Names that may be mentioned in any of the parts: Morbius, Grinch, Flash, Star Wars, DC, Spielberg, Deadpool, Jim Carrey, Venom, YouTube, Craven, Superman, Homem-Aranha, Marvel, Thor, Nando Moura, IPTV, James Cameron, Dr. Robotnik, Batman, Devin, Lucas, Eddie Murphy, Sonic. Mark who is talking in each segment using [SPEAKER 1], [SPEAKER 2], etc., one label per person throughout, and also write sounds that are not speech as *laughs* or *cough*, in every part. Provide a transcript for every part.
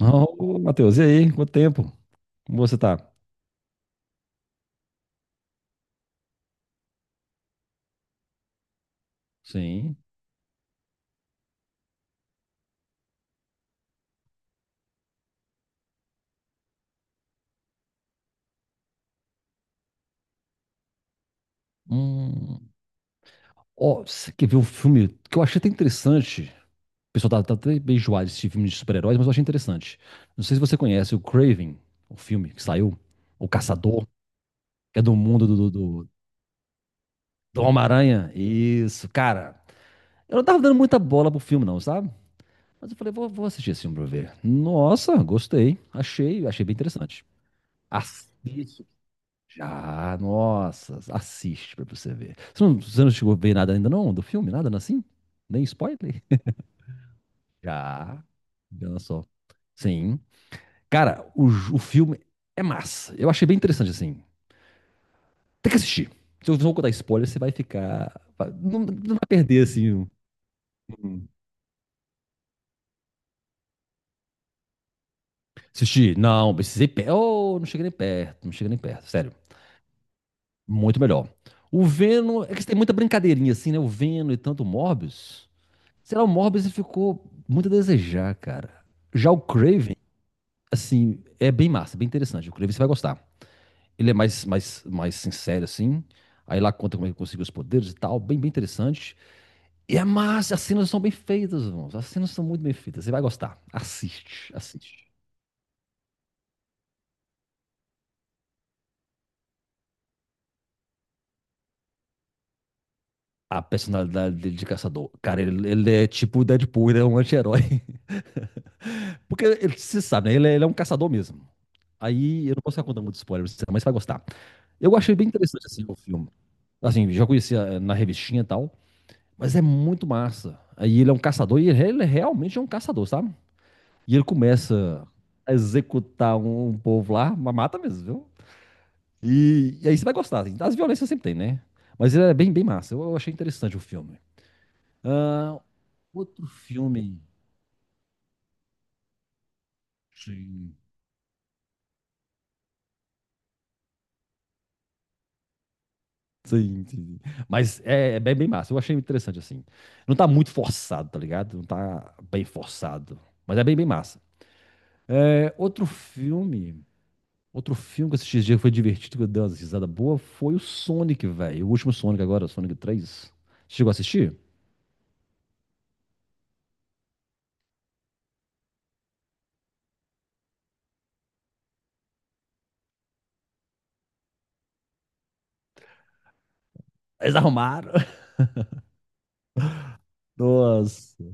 [SPEAKER 1] Ô, Matheus, e aí? Quanto tempo? Como você tá? Sim. Hum. Ó, você quer ver um filme que eu achei até interessante? O pessoal tá até bem enjoado desse filme de super-heróis, mas eu achei interessante. Não sei se você conhece o Craven, o filme que saiu, O Caçador, que é do mundo do do Homem-Aranha. Isso, cara. Eu não tava dando muita bola pro filme, não, sabe? Mas eu falei, vou assistir esse filme pra ver. Nossa, gostei. Achei bem interessante. Assista. Já, nossa, assiste pra você ver. Você não chegou a ver nada ainda não do filme? Nada assim? Nem spoiler? Já, olha só. Sim. Cara, o filme é massa. Eu achei bem interessante, assim. Tem que assistir. Se eu não contar spoiler, você vai não, não vai perder, assim. Um- Assistir. Não, oh, não cheguei nem perto. Não cheguei nem perto, sério. Muito melhor. O Venom... é que tem muita brincadeirinha, assim, né? O Venom e tanto o Morbius... Sei lá, o Morbius ficou muito a desejar, cara. Já o Craven, assim, é bem massa, bem interessante. O Craven você vai gostar. Ele é mais sincero, assim. Aí lá conta como é que conseguiu os poderes e tal. Bem interessante. E é massa, as cenas são bem feitas, irmãos. As cenas são muito bem feitas. Você vai gostar. Assiste, assiste. A personalidade dele de caçador. Cara, ele é tipo o Deadpool, ele é um anti-herói. *laughs* Porque ele, você sabe, né? Ele é um caçador mesmo. Aí eu não posso ficar contando muito spoiler pra você, mas você vai gostar. Eu achei bem interessante assim, o filme. Assim, já conhecia na revistinha e tal, mas é muito massa. Aí ele é um caçador e ele realmente é um caçador, sabe? E ele começa a executar um povo lá, mas mata mesmo, viu? E aí você vai gostar, assim. As violências sempre tem, né? Mas ele é bem massa. Eu achei interessante o filme. Ah, outro filme. Sim. Sim, sim, sim. Mas é bem massa. Eu achei interessante, assim. Não tá muito forçado, tá ligado? Não tá bem forçado. Mas é bem massa. É, outro filme. Outro filme que eu assisti esse dia que foi divertido, que eu dei umas risadas boas, foi o Sonic, velho. O último Sonic agora, o Sonic três. Chegou a assistir? Eles arrumaram. *laughs* Nossa.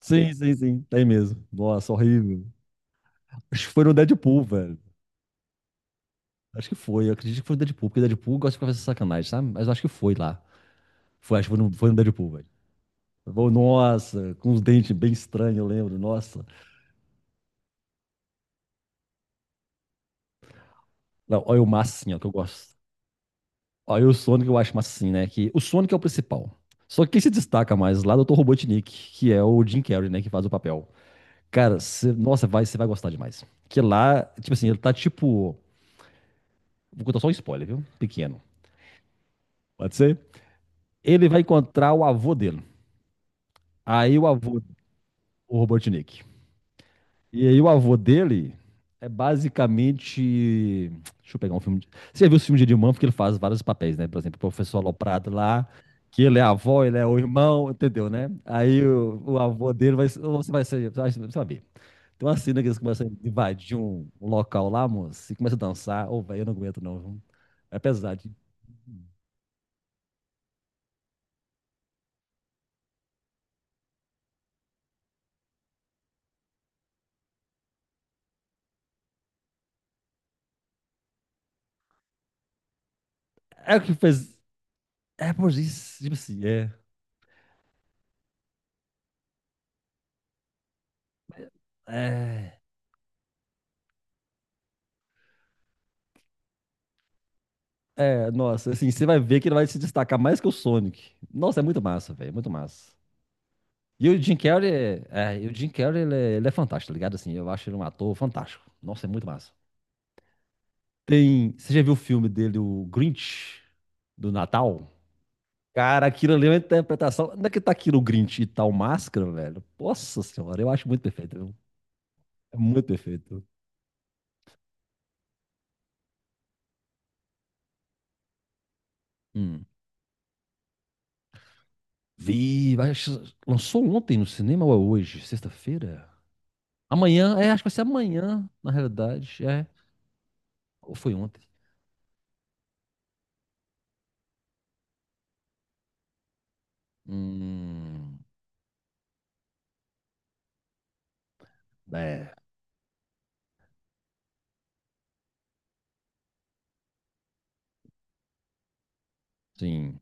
[SPEAKER 1] Sim, sim, sim. Tem mesmo. Nossa, horrível. Acho que foi no Deadpool, velho. Acho que foi, eu acredito que foi o Deadpool, porque Deadpool gosta de fazer sacanagem, sabe? Mas eu acho que foi lá. Foi, acho que foi foi no Deadpool, velho. Nossa, com os dentes bem estranhos, eu lembro, nossa. Não, olha o massa assim, ó, que eu gosto. Olha o Sonic, eu acho massa assim, né? Que o Sonic é o principal. Só que quem se destaca mais lá é o Dr. Robotnik, que é o Jim Carrey, né? Que faz o papel. Cara, nossa, vai, você vai gostar demais. Que lá, tipo assim, ele tá tipo. Vou contar só um spoiler, viu? Pequeno. Pode ser? Ele vai encontrar o avô dele. Aí o avô, o Robotnik. E aí o avô dele é basicamente. Deixa eu pegar um filme. Você já viu o filme de Eddie Murphy que ele faz vários papéis, né? Por exemplo, o professor Aloprado lá, que ele é a avó, ele é o irmão, entendeu, né? Aí o avô dele vai. Você vai ser. Você vai saber. Tem uma cena que eles começam a invadir um local lá, moço, e começa a dançar. Ô, velho, eu não aguento, não, viu? É pesado. É o que fez. É por isso, tipo assim, é. É, é, nossa, assim, você vai ver que ele vai se destacar mais que o Sonic. Nossa, é muito massa, velho, é muito massa. E o Jim Carrey, e o Jim Carrey, ele é fantástico, tá ligado? Assim, eu acho ele um ator fantástico. Nossa, é muito massa. Tem, você já viu o filme dele, o Grinch, do Natal? Cara, aquilo ali é uma interpretação. Onde é que tá aquilo, o Grinch e tal máscara, velho? Nossa senhora, eu acho muito perfeito, viu? É muito perfeito. Hum. Vi, acho- lançou ontem no cinema ou é hoje? Sexta-feira? Amanhã, é, acho que vai ser amanhã, na realidade, é. Ou foi ontem? Hum, é, sim.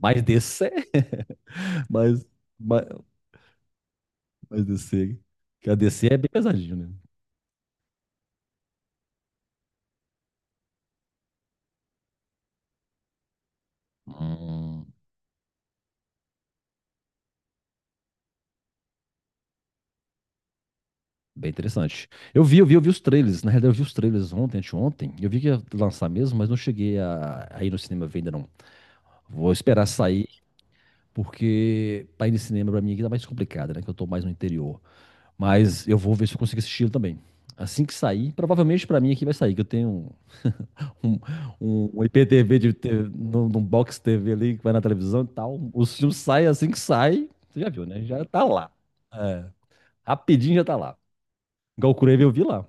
[SPEAKER 1] Mais DC. *laughs* Mais, mais, mais DC. *laughs* Que a DC é bem pesadinho, né? Hum, bem interessante. Eu vi os trailers. Na realidade, eu vi os trailers ontem, anteontem. Eu vi que ia lançar mesmo, mas não cheguei a ir no cinema ver ainda não. Vou esperar sair, porque pra ir no cinema pra mim aqui tá mais complicado, né? Que eu tô mais no interior. Mas eu vou ver se eu consigo assistir ele também. Assim que sair, provavelmente pra mim aqui vai sair, que eu tenho um, um IPTV num box TV ali que vai na televisão e tal. Os filmes saem assim que sai, você já viu, né? Já tá lá. É, rapidinho já tá lá. Golcurave eu vi lá.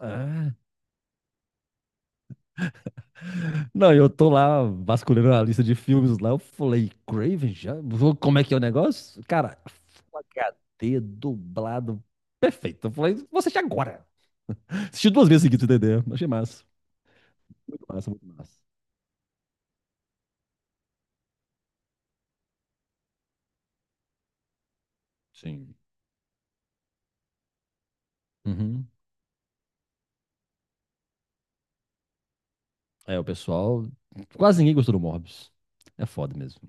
[SPEAKER 1] É. Não, eu tô lá vasculhando a lista de filmes lá. Eu falei, Craven já? Como é que é o negócio? Cara, Full HD dublado perfeito. Eu falei, vou assistir agora. Assisti duas vezes seguidas, entendeu? Achei massa. Muito massa, muito massa. Sim. Uhum. É, o pessoal. Quase ninguém gostou do Morbius. É foda mesmo.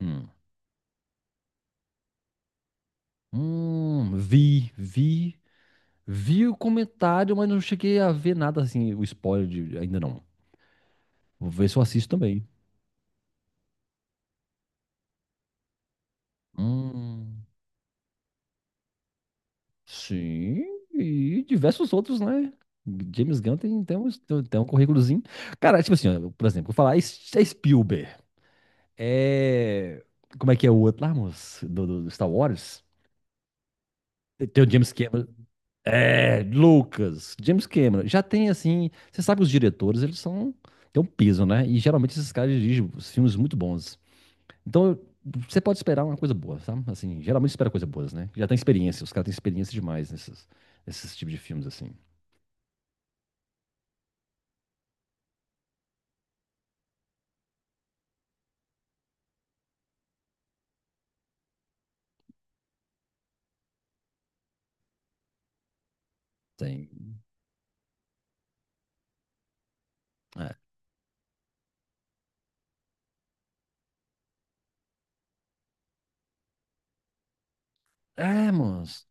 [SPEAKER 1] Hum. Vi, vi. Vi o comentário, mas não cheguei a ver nada assim, o ainda não. Vou ver se eu assisto também. Hum, sim, e diversos outros, né? James Gunn tem um currículozinho. Cara, tipo assim, ó, por exemplo, vou falar, é Spielberg. É. Como é que é o outro lá, moço? Do Star Wars? Tem o James Cameron. É, Lucas, James Cameron, já tem assim, você sabe que os diretores, têm um peso, né? E geralmente esses caras dirigem filmes muito bons. Então, eu- você pode esperar uma coisa boa, sabe? Assim, geralmente espera coisa boas, né? Já tem experiência, os caras têm experiência demais nesses tipos de filmes, assim. Tem. É, é moço.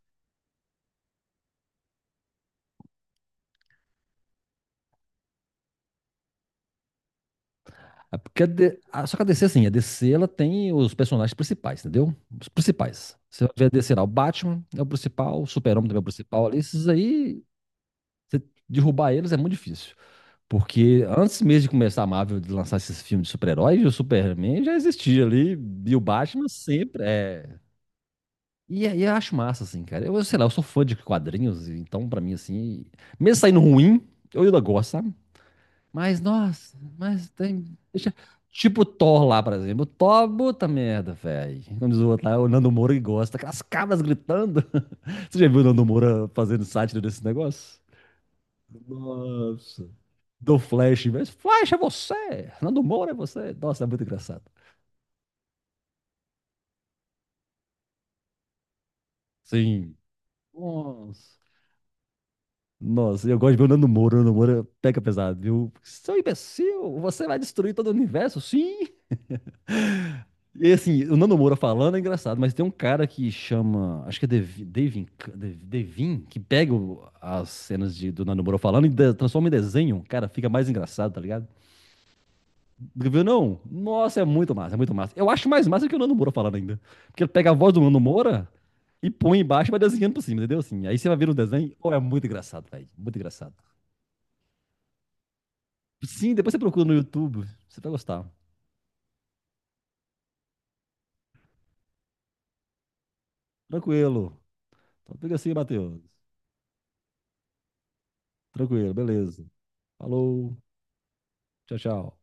[SPEAKER 1] É porque só que a DC, assim, a DC, ela tem os personagens principais, entendeu? Os principais. Você vai ver a DC lá, o Batman é o principal, o Super-Homem também é o principal ali, esses aí, você derrubar eles é muito difícil. Porque antes mesmo de começar a Marvel de lançar esses filmes de super-heróis, o Superman já existia ali, e o Batman sempre é. E aí eu acho massa, assim, cara. Eu, sei lá, eu sou fã de quadrinhos, então pra mim, assim, mesmo saindo ruim, eu ainda gosto, sabe? Mas, nossa, mas tem. Tipo o Thor lá, por exemplo. O Thor, puta merda, velho. Como diz o outro lá, o Nando Moura que gosta, aquelas cabras gritando. *laughs* Você já viu o Nando Moura fazendo sátira desse negócio? Nossa do Flash. Mas Flash é você! Nando Moura é você! Nossa, é muito engraçado. Sim. Nossa. Nossa, eu gosto de ver o Nando Moura. O Nando Moura pega pesado, viu? Seu imbecil, você vai destruir todo o universo? Sim! E assim, o Nando Moura falando é engraçado, mas tem um cara que chama, acho que é Devin, que pega as cenas do Nando Moura falando e transforma em desenho. Cara, fica mais engraçado, tá ligado? Viu, não? Nossa, é muito massa, é muito massa. Eu acho mais massa que o Nando Moura falando ainda. Porque ele pega a voz do Nando Moura e põe embaixo e vai desenhando por cima, entendeu? Assim, aí você vai ver o desenho, oh é muito engraçado, velho. Muito engraçado. Sim, depois você procura no YouTube, você vai gostar. Tranquilo. Então fica assim, Matheus. Tranquilo, beleza. Falou. Tchau, tchau.